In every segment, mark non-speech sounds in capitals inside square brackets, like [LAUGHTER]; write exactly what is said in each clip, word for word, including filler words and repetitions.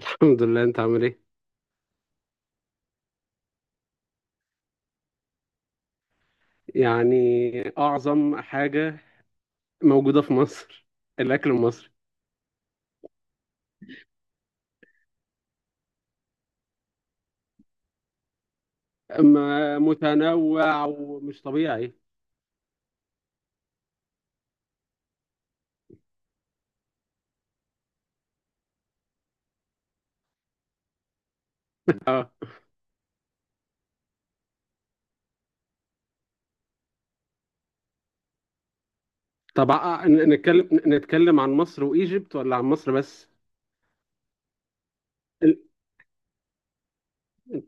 الحمد لله، انت عامل ايه؟ يعني اعظم حاجة موجودة في مصر الاكل المصري. ما متنوع ومش طبيعي. اه. طب، ع- ن- نتكلم نتكلم عن مصر وايجيبت ولا عن مصر بس؟ ال-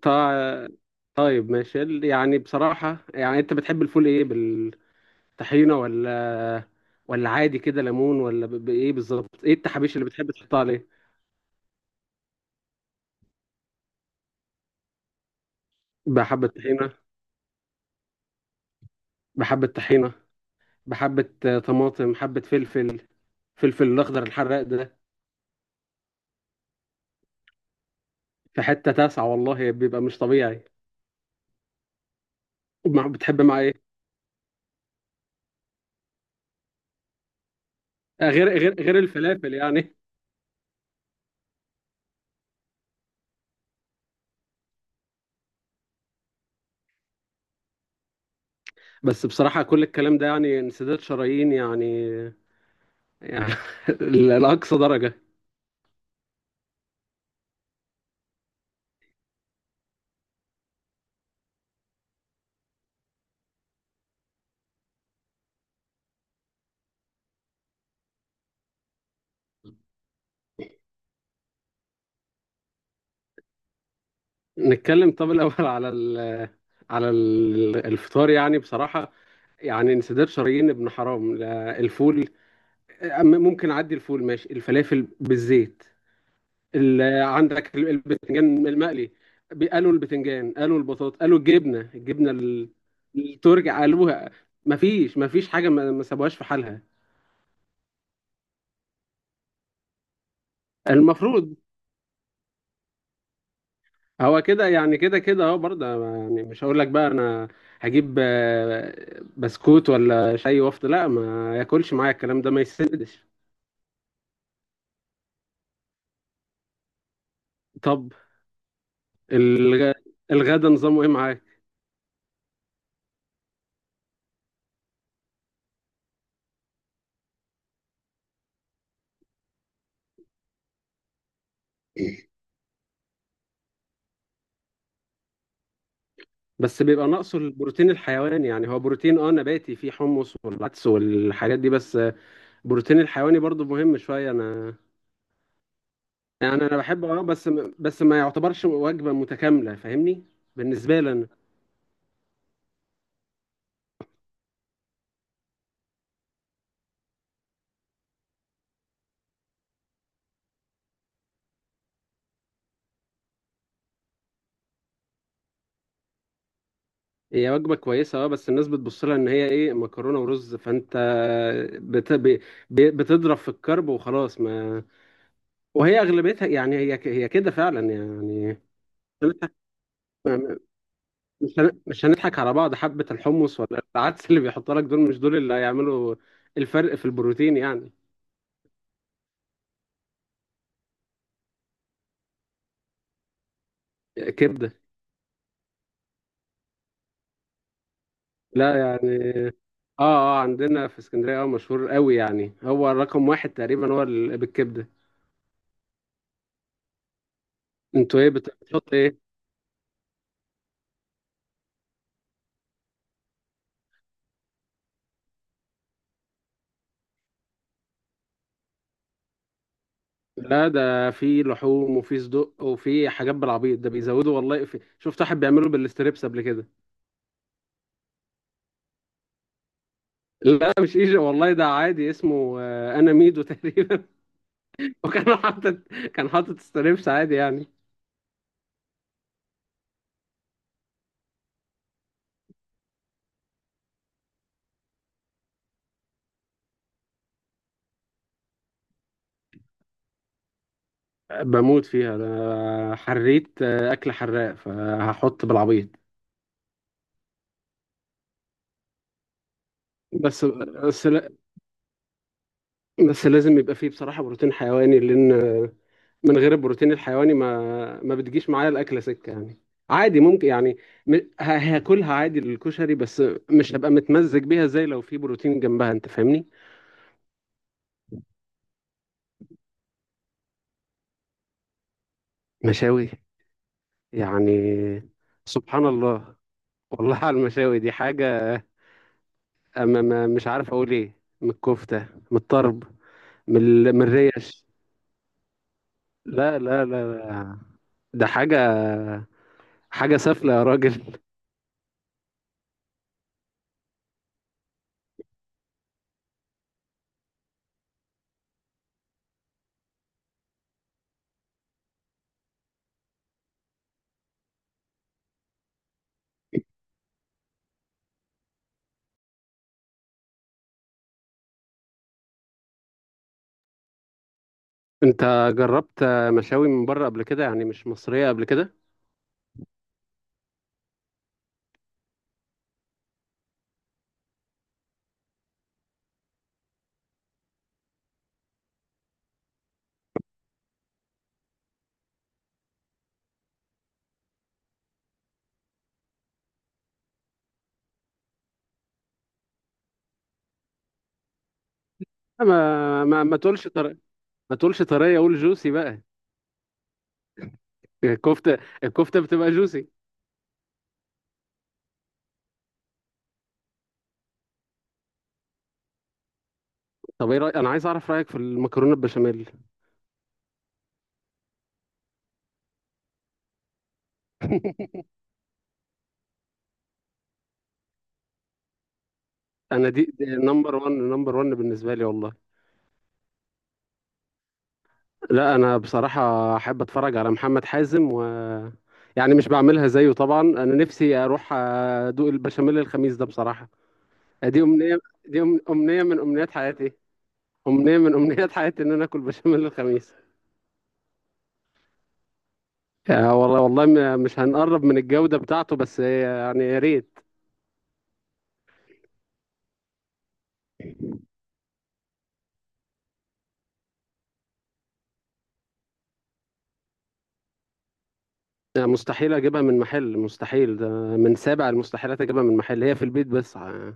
طا- طيب ماشي. ال- يعني بصراحة، يعني انت بتحب الفول ايه، بالطحينة ولا ولا عادي كده، ليمون ولا ب- بايه بالظبط؟ ايه التحابيش اللي بتحب تحطها عليه؟ بحبة طحينة. بحبة طحينة. بحبة آه، طماطم، حبة فلفل، فلفل الأخضر الحراق ده. في حتة تاسعة والله، بيبقى مش طبيعي. مع- بتحب مع إيه؟ آه، غير غير غير الفلافل يعني. بس بصراحة كل الكلام ده يعني انسداد شرايين، يعني، يعني [LAUGHS] لأقصى درجة. نتكلم. طب الأول على ال على ال- الفطار يعني بصراحة، يعني انسداد شرايين ابن حرام، لا، الفول. أم- ممكن أعدي الفول، ماشي، الفلافل بالزيت. ال- عندك ال- البتنجان المقلي. بي- قالوا البتنجان، قالوا البطاطا، قالوا الجبنه الجبنه ال- التركي قالوها. مفيش مفيش حاجه ما ما سابوهاش في حالها. المفروض هو كده يعني، كده كده اهو برضه. يعني مش هقول لك بقى، انا هجيب آه، بسكوت ولا شاي وافطر، لا، ما ياكلش معايا، الكلام ده ما يسندش. طب، الغ... الغدا نظامه ايه معاك؟ بس بيبقى ناقصه البروتين الحيواني، يعني هو بروتين اه نباتي، فيه حمص والعدس والحاجات دي بس. البروتين الحيواني برضو مهم شوية أنا. يعني أنا بحب، أه، بس م- بس ما يعتبرش وجبة متكاملة، فاهمني؟ بالنسبة لي أنا. هي وجبة كويسة أه، بس الناس بتبص لها إن هي إيه، مكرونة ورز، فأنت بت... ب... ب- بتضرب في الكرب وخلاص، ما وهي أغلبيتها يعني، هي ك- هي كده فعلا يعني. مش هنضحك مش هن- مش هنضحك على بعض، حبة الحمص ولا العدس اللي بيحطها لك دول، مش دول اللي هيعملوا الفرق في البروتين يعني. كبدة. لا يعني، اه. اه، عندنا في اسكندريه اه مشهور قوي يعني، هو رقم واحد تقريبا، هو ال- بالكبده. انتوا ايه بت- بتحط ايه؟ لا، ده في لحوم وفي صدق وفي حاجات بالعبيط، ده بيزودوا، والله في، شفت واحد بيعمله بالستريبس قبل كده. لا، مش ايجي والله، ده عادي، اسمه آه، انا ميدو تقريبا. [LAUGHS] وكان حاطط، كان حاطط ستريبس عادي يعني. بموت فيها، ده حريت آه، اكل حراق فهحط بالعبيط. بس بس لا- بس لازم يبقى فيه بصراحة بروتين حيواني، لأن من غير البروتين الحيواني ما ما بتجيش معايا الاكله سكه يعني. عادي ممكن يعني، م- ه- هاكلها عادي الكشري بس، مش هبقى متمزج بيها زي لو في بروتين جنبها، انت فاهمني؟ مشاوي. يعني سبحان الله، والله على المشاوي دي حاجه. أما ما مش عارف اقول ايه، من الكفته، من الطرب، من ال- من الريش. لا لا لا لا، ده حاجه حاجه سافله يا راجل. [LAUGHS] انت جربت مشاوي من بره قبل كده يعني، مش مصريه قبل كده؟ ما ما ما تقولش طري، ما تقولش طريه، قول جوسي بقى. الكفته الكفته بتبقى جوسي. طب ايه رأي... انا عايز اعرف رايك في المكرونه البشاميل. [LAUGHS] انا دي, دي نمبر واحد نمبر واحد بالنسبه لي والله. لا انا بصراحه احب اتفرج على محمد حازم، و، يعني مش بعملها زيه طبعا، انا نفسي اروح ادوق البشاميل الخميس ده بصراحه. دي امنيه، دي أم- امنيه من امنيات حياتي، امنيه من امنيات حياتي ان انا اكل بشاميل الخميس. آه، والله والله، م- مش هنقرب من الجوده بتاعته، بس يعني يا ريت. لا، مستحيل اجيبها من محل، مستحيل، ده من سابع المستحيلات اجيبها من محل، هي في البيت بس ع-.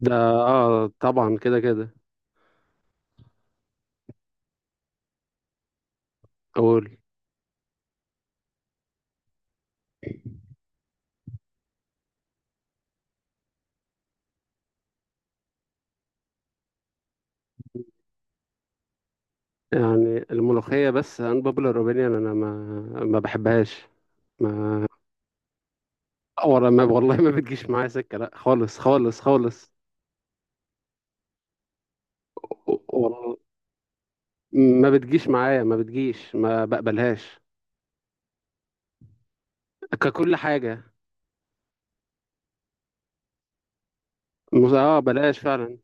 ده اه طبعا، كده كده. اقول. يعني الملوخية، بس ان بوبولار اوبينيون، انا ما ما بحبهاش. ما ولا ما والله، ما بتجيش معايا سكة لا، خالص خالص خالص. والله ما بتجيش معايا، ما بتجيش، ما بقبلهاش. ككل حاجة. مز- اه بلاش فعلا.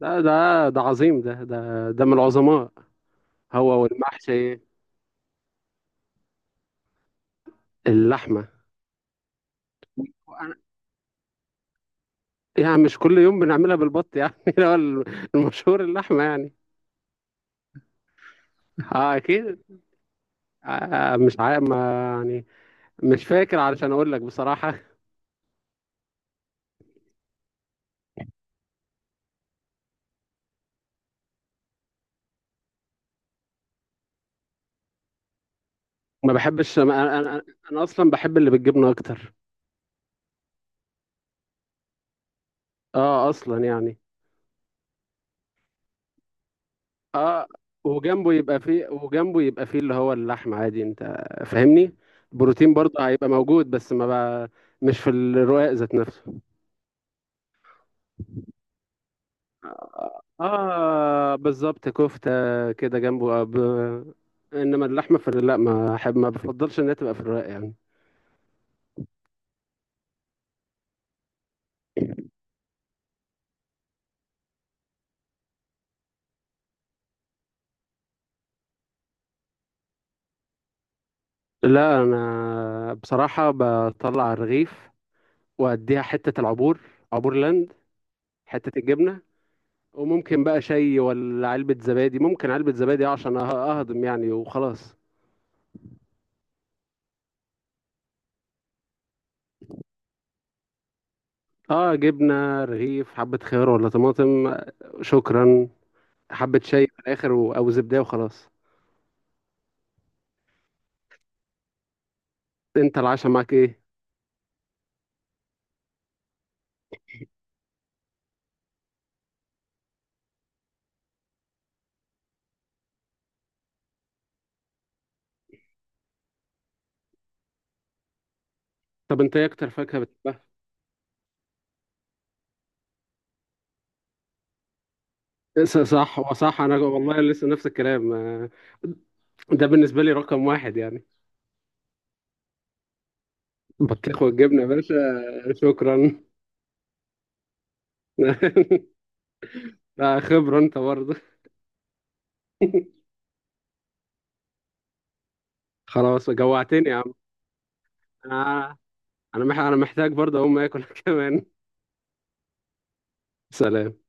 ده ده ده عظيم، ده ده ده من العظماء. هو والمحشي، اللحمة يعني. مش كل يوم بنعملها بالبط يعني. [LAUGHS] اللي هو المشهور اللحمة يعني. اه اكيد. آه آه، مش عارف، ما يعني، مش فاكر علشان اقول لك بصراحة. ما بحبش، ما انا انا أنا اصلا بحب اللي بالجبنة اكتر. اه اصلا يعني. اه. وجنبه يبقى فيه، وجنبه يبقى فيه اللي هو اللحم عادي، انت فاهمني؟ بروتين برضه هيبقى موجود، بس ما بقى مش في الرقاق ذات نفسه. اه بالظبط، كفتة كده جنبه. أب... انما اللحمة في ال- لا، ما احب، ما بفضلش انها تبقى في الرق يعني. لا، انا بصراحة بطلع الرغيف، واديها حتة العبور، عبور لاند، حتة الجبنة، وممكن بقى شاي ولا علبة زبادي، ممكن علبة زبادي آه، عشان أه- اهضم يعني وخلاص. اه، جبنة، رغيف، حبة خيار ولا طماطم، شكرا. حبة شاي في الاخر، و، او زبدة وخلاص. انت العشاء معاك ايه؟ طب انت ايه اكتر فاكهة بتحبها؟ ص- صح، وصح. انا والله لسه نفس الكلام آه، ده بالنسبه لي رقم واحد يعني. بطيخ والجبنه يا باشا. شكرا. [LAUGHS] لا، خبره انت برضه. خلاص جوعتني يا عم. انا، انا مح- أنا محتاج برضه اقوم اكل [LAUGHS] كمان. سلام.